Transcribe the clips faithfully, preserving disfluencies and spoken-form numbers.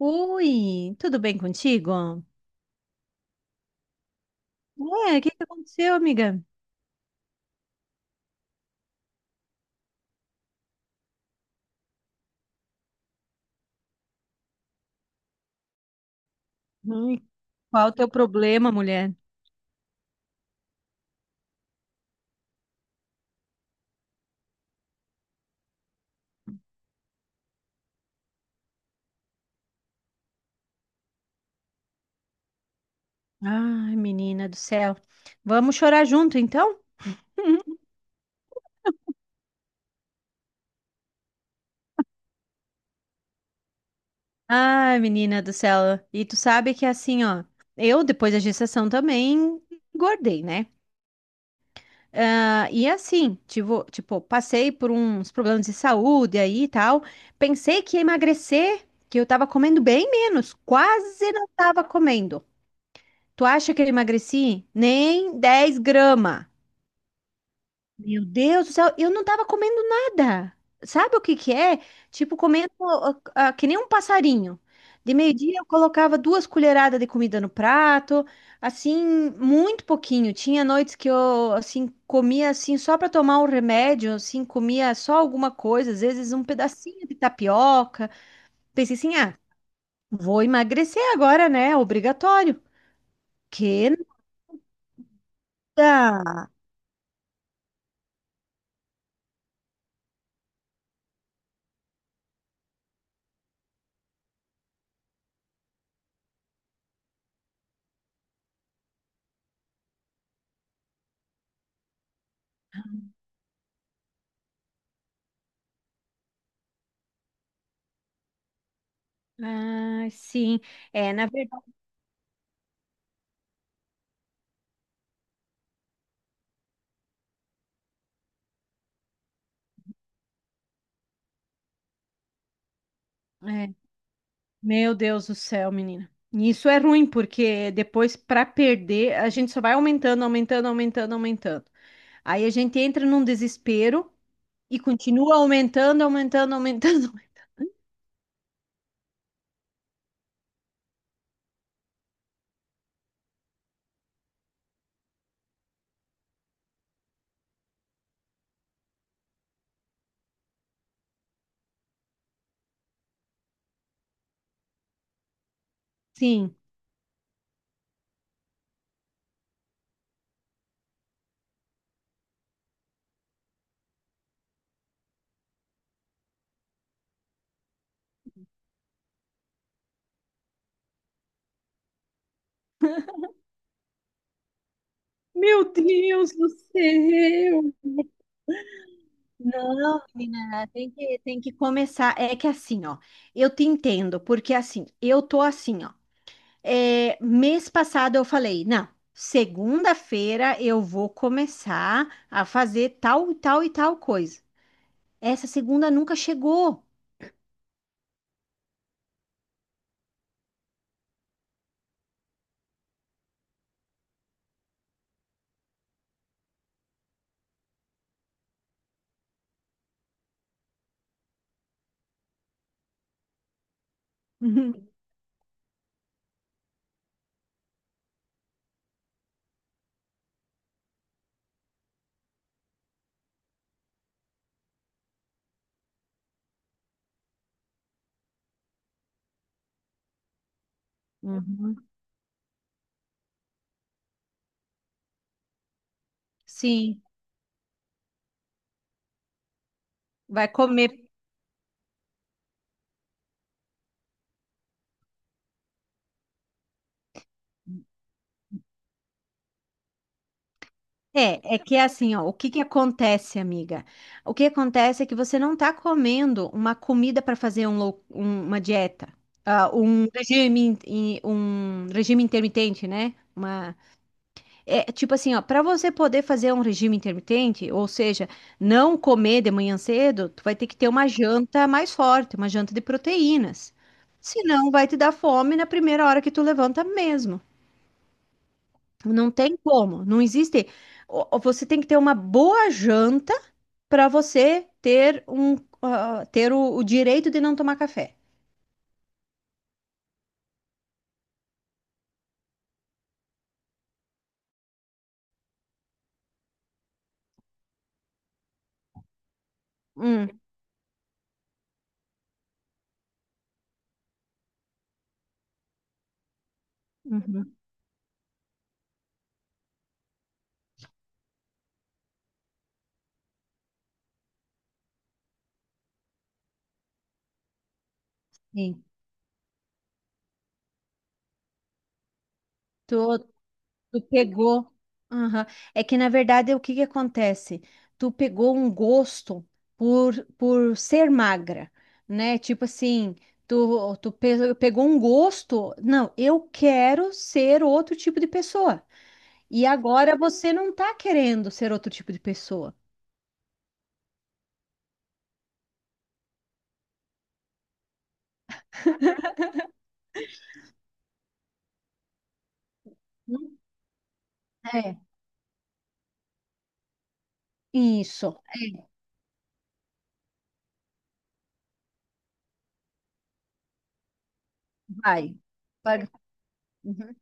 Oi, tudo bem contigo? Ué, o que que aconteceu, amiga? Hum, qual o teu problema, mulher? Ai, menina do céu. Vamos chorar junto, então? Ai, menina do céu. E tu sabe que assim, ó, eu depois da gestação também engordei, né? Ah, e assim, tipo, tipo, passei por uns problemas de saúde aí e tal. Pensei que ia emagrecer, que eu tava comendo bem menos, quase não tava comendo. Tu acha que eu emagreci? Nem dez gramas. Meu Deus do céu, eu não tava comendo nada. Sabe o que que é? Tipo, comendo ah, ah, que nem um passarinho. De meio-dia eu colocava duas colheradas de comida no prato, assim, muito pouquinho. Tinha noites que eu, assim, comia, assim, só para tomar um remédio, assim, comia só alguma coisa, às vezes um pedacinho de tapioca. Pensei assim, ah, vou emagrecer agora, né? Obrigatório. Que nada! Ah, sim. É, na verdade. É. Meu Deus do céu, menina. E isso é ruim, porque depois, para perder, a gente só vai aumentando, aumentando, aumentando, aumentando. Aí a gente entra num desespero e continua aumentando, aumentando, aumentando. Sim. Meu Deus do céu! Menina, tem que, tem que começar. É que assim, ó, eu te entendo, porque assim, eu tô assim, ó. É, mês passado eu falei, não, segunda-feira eu vou começar a fazer tal, e tal e tal coisa. Essa segunda nunca chegou. Uhum. Sim, vai comer. É, é que é assim, ó, o que que acontece, amiga? O que acontece é que você não tá comendo uma comida para fazer um lou- um- uma dieta. Ah, um regime, in- um regime intermitente, né? É, tipo assim, ó, para você poder fazer um regime intermitente, ou seja, não comer de manhã cedo, tu vai ter que ter uma janta mais forte, uma janta de proteínas. Senão vai te dar fome na primeira hora que tu levanta mesmo. Não tem como, não existe. Ó, ó, você tem que ter uma boa janta para você ter um, ah, ter o, o direito de não tomar café. Hum, uhum, sim. Tu Tu pegou. Aham. É que, na verdade, o que que acontece? Tu pegou um gosto por, por ser magra, né? Tipo assim, tu, tu pe- pegou um gosto. Não, eu quero ser outro tipo de pessoa. E agora você não tá querendo ser outro tipo de pessoa. Não. É, isso. É, vai. Paga. Uhum,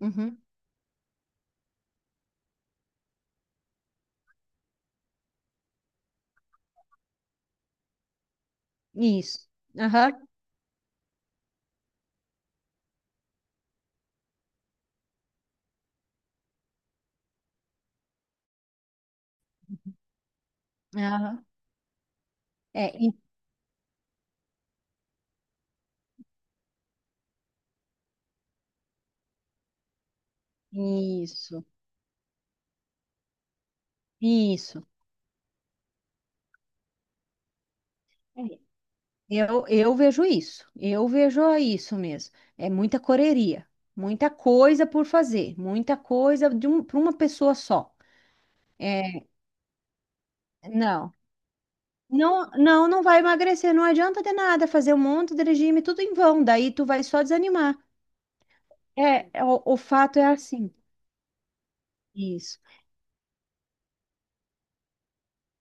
uhum. Isso. Aham. Aham. É, i- isso. Isso. Eu, eu vejo isso, eu vejo isso mesmo. É muita correria, muita coisa por fazer, muita coisa de um, para uma pessoa só. É, não, não, não, não vai emagrecer, não adianta de nada fazer um monte de regime, tudo em vão, daí tu vai só desanimar. É, é, o, o fato é assim, isso.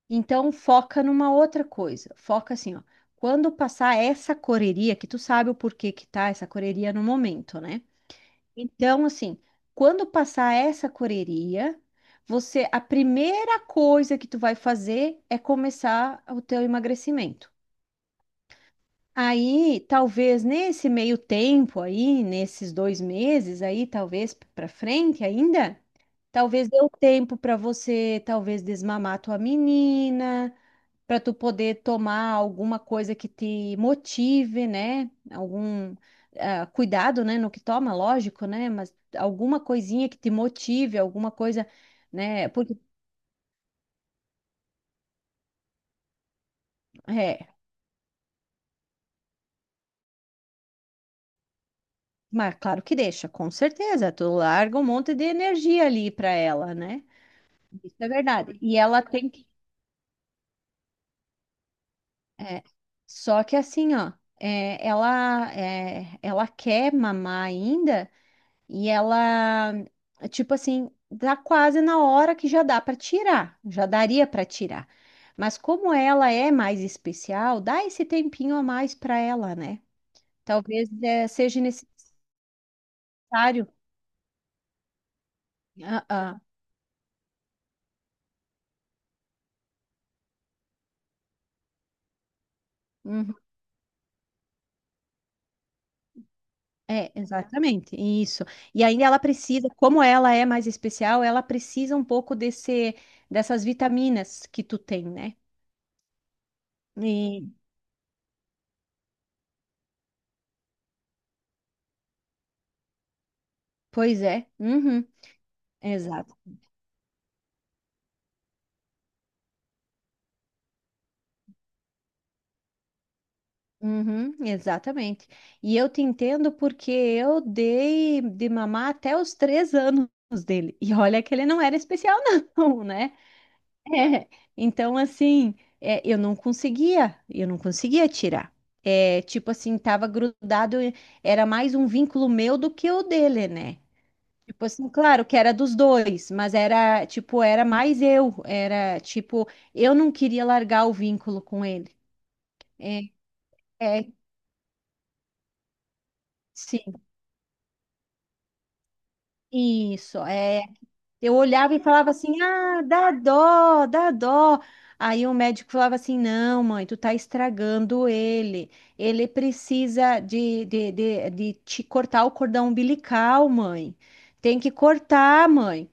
Então foca numa outra coisa, foca assim, ó. Quando passar essa correria, que tu sabe o porquê que tá essa correria no momento, né? Então, assim, quando passar essa correria, você, a primeira coisa que tu vai fazer é começar o teu emagrecimento. Aí, talvez nesse meio tempo aí, nesses dois meses aí, talvez para frente ainda, talvez dê o tempo para você, talvez desmamar tua menina, para tu poder tomar alguma coisa que te motive, né? Algum ah, cuidado, né, no que toma, lógico, né? Mas alguma coisinha que te motive, alguma coisa, né? Porque é, mas claro que deixa, com certeza. Tu larga um monte de energia ali para ela, né? Isso é verdade. E ela tem que é, só que assim, ó, é, ela é, ela quer mamar ainda. E ela, tipo assim, dá quase na hora que já dá para tirar, já daria para tirar. Mas como ela é mais especial, dá esse tempinho a mais para ela, né? Talvez eh, seja necessário. Ah, ah, uhum. É, exatamente, isso. E ainda ela precisa, como ela é mais especial, ela precisa um pouco desse, dessas vitaminas que tu tem, né? E, pois é, uhum. Uhum, exatamente. E eu te entendo porque eu dei de mamar até os três anos dele. E olha que ele não era especial, não, né? É, então, assim, é, eu não conseguia, eu não conseguia tirar. É, tipo assim, tava grudado, era mais um vínculo meu do que o dele, né? Tipo assim, claro que era dos dois, mas era, tipo, era mais eu. Era, tipo, eu não queria largar o vínculo com ele. É, é, isso, é. Eu olhava e falava assim: ah, dá dó, dá dó. Aí o médico falava assim: não, mãe, tu tá estragando ele. Ele precisa de, de, de, de te cortar o cordão umbilical, mãe. Tem que cortar, mãe.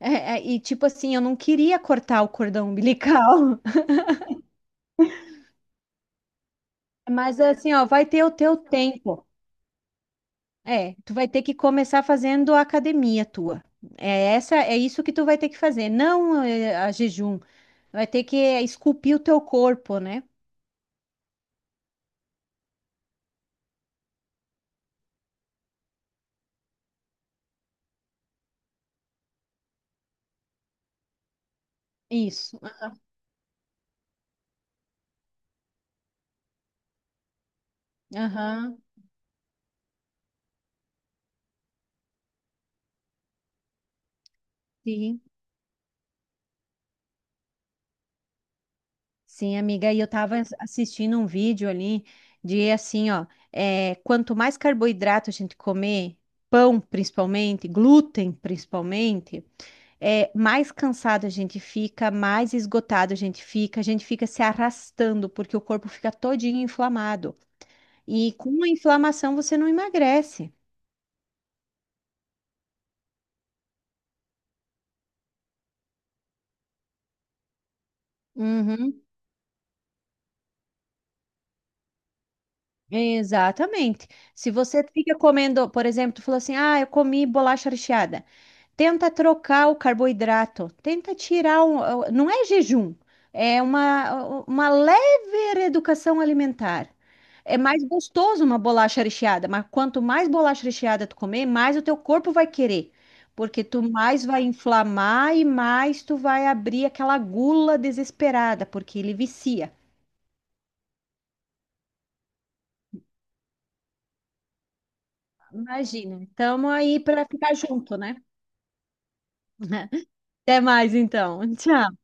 É, é, e tipo assim, eu não queria cortar o cordão umbilical, mas assim, ó, vai ter o teu tempo. É, tu vai ter que começar fazendo a academia tua. É essa, é isso que tu vai ter que fazer, não é, a jejum. Vai ter que esculpir o teu corpo, né? Isso. Aham, sim. Sim, amiga, e eu tava as- assistindo um vídeo ali de assim, ó, é, quanto mais carboidrato a gente comer, pão principalmente, glúten principalmente, é, mais cansado a gente fica, mais esgotado a gente fica, a gente fica se arrastando porque o corpo fica todinho inflamado. E com a inflamação você não emagrece. Uhum, exatamente. Se você fica comendo, por exemplo, tu falou assim: ah, eu comi bolacha recheada. Tenta trocar o carboidrato, tenta tirar um, não é jejum, é uma, uma leve reeducação alimentar. É mais gostoso uma bolacha recheada, mas quanto mais bolacha recheada tu comer, mais o teu corpo vai querer, porque tu mais vai inflamar e mais tu vai abrir aquela gula desesperada, porque ele vicia. Imagina. Estamos aí para ficar junto, né? Até mais então. Tchau.